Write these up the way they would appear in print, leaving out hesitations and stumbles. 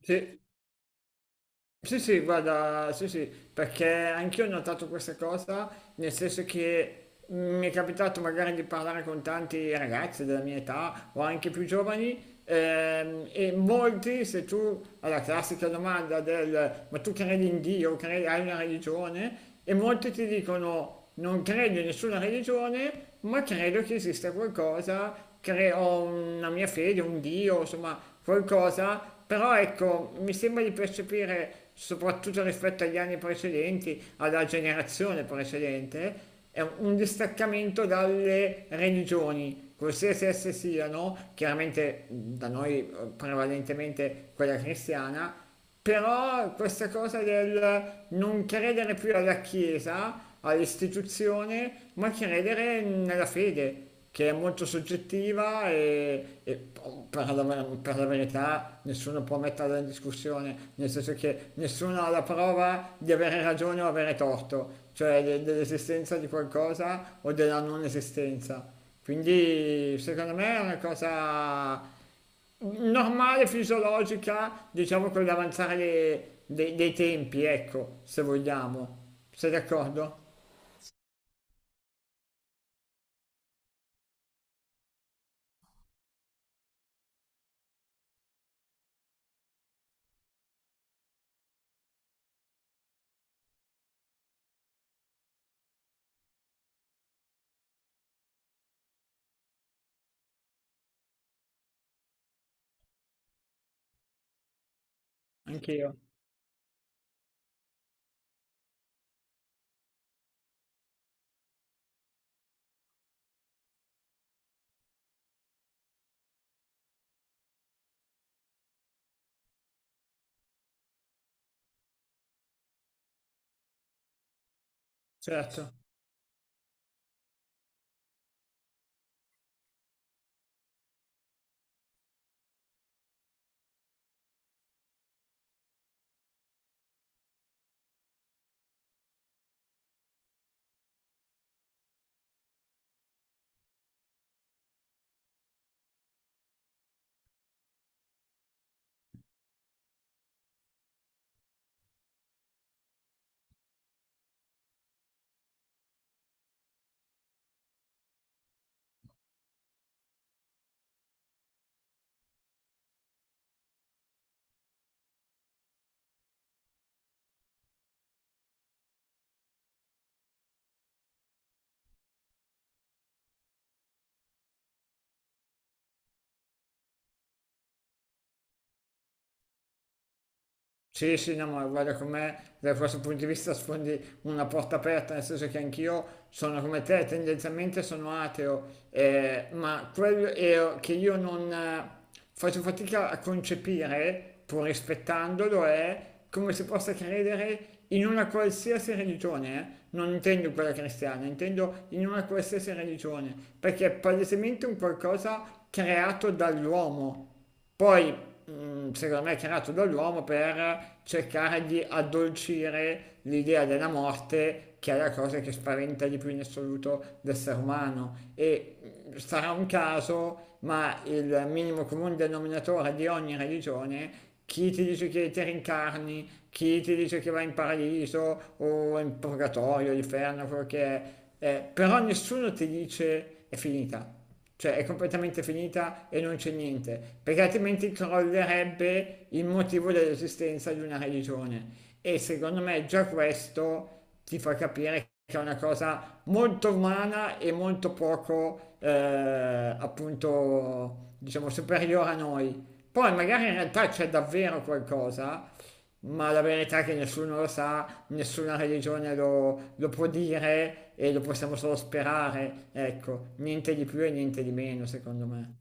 Sì, sì, sì, guarda, sì, sì, perché anch'io ho notato questa cosa, nel senso che mi è capitato magari di parlare con tanti ragazzi della mia età o anche più giovani, e molti, se tu alla classica domanda del ma tu credi in Dio, credi, hai una religione, e molti ti dicono non credo in nessuna religione, ma credo che esista qualcosa, ho una mia fede, un Dio, insomma, qualcosa, però ecco, mi sembra di percepire soprattutto rispetto agli anni precedenti, alla generazione precedente, è un distaccamento dalle religioni, qualsiasi esse siano, chiaramente da noi prevalentemente quella cristiana, però questa cosa del non credere più alla Chiesa, all'istituzione, ma credere nella fede, che è molto soggettiva e per la verità nessuno può metterla in discussione, nel senso che nessuno ha la prova di avere ragione o avere torto, cioè dell'esistenza di qualcosa o della non esistenza. Quindi secondo me è una cosa normale, fisiologica, diciamo con l'avanzare dei tempi, ecco, se vogliamo. Sei d'accordo? Anch'io, certo. Sì, sì, no, ma guarda com'è, da questo punto di vista sfondi una porta aperta, nel senso che anch'io sono come te, tendenzialmente sono ateo, ma quello è che io non faccio fatica a concepire, pur rispettandolo, è come si possa credere in una qualsiasi religione, eh. Non intendo quella cristiana, intendo in una qualsiasi religione, perché è palesemente un qualcosa creato dall'uomo. Poi, secondo me, è creato dall'uomo per cercare di addolcire l'idea della morte, che è la cosa che spaventa di più in assoluto l'essere umano. E sarà un caso, ma il minimo comune denominatore di ogni religione chi ti dice che ti rincarni, chi ti dice che vai in paradiso o in purgatorio, l'inferno, quello che è. Però nessuno ti dice è finita, cioè è completamente finita e non c'è niente, perché altrimenti crollerebbe il motivo dell'esistenza di una religione. E secondo me già questo ti fa capire che è una cosa molto umana e molto poco, appunto, diciamo, superiore a noi. Poi magari in realtà c'è davvero qualcosa, ma la verità è che nessuno lo sa, nessuna religione lo può dire e lo possiamo solo sperare, ecco, niente di più e niente di meno, secondo me.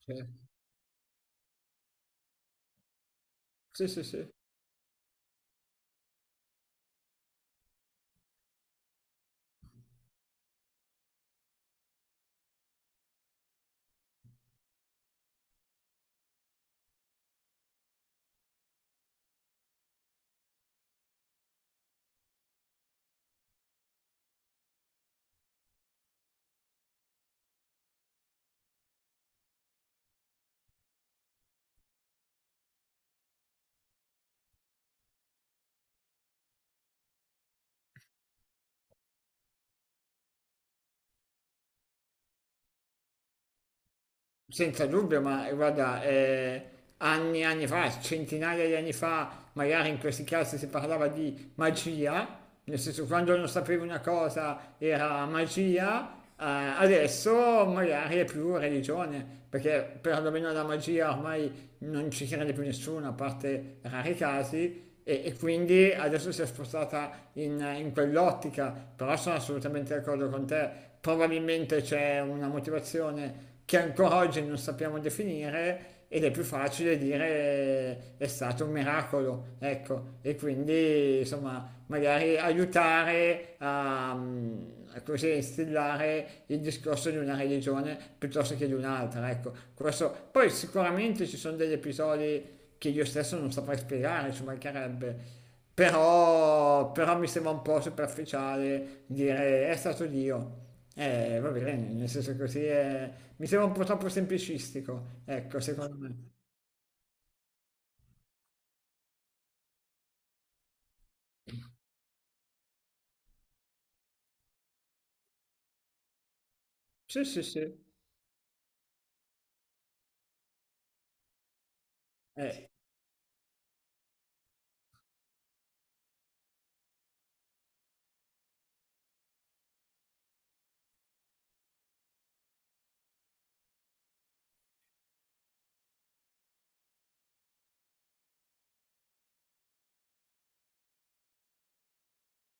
Cioè, sì, sì, sì. Senza dubbio, ma guarda, anni e anni fa, centinaia di anni fa, magari in questi casi si parlava di magia, nel senso quando non sapevi una cosa era magia, eh, adesso magari è più religione, perché perlomeno la magia ormai non ci crede più nessuno, a parte rari casi, e quindi adesso si è spostata in quell'ottica, però sono assolutamente d'accordo con te, probabilmente c'è una motivazione che ancora oggi non sappiamo definire ed è più facile dire è stato un miracolo, ecco, e quindi insomma magari aiutare a così instillare il discorso di una religione piuttosto che di un'altra, ecco, questo. Poi sicuramente ci sono degli episodi che io stesso non saprei spiegare, ci mancherebbe. Però mi sembra un po' superficiale dire è stato Dio. Va bene, nel senso così è. Mi sembra un po' troppo semplicistico, ecco, secondo me. Sì, sì, sì. Eh,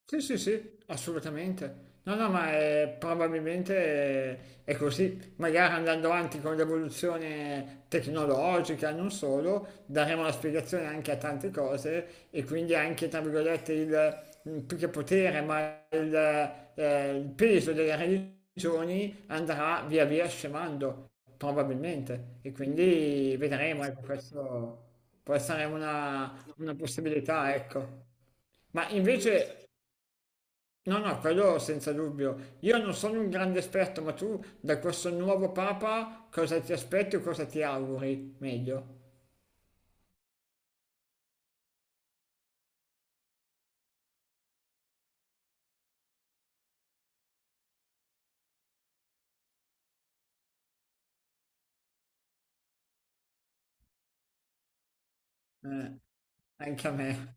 Sì, sì, sì, assolutamente. No, no, ma probabilmente è, così. Magari andando avanti con l'evoluzione tecnologica, non solo, daremo la spiegazione anche a tante cose e quindi anche, tra virgolette, il, più che potere, ma il peso delle religioni andrà via via scemando, probabilmente. E quindi vedremo, ecco, questo può essere una possibilità, ecco. Ma invece. No, no, quello senza dubbio. Io non sono un grande esperto, ma tu da questo nuovo Papa cosa ti aspetti o cosa ti auguri? Meglio. Eh, anche a me.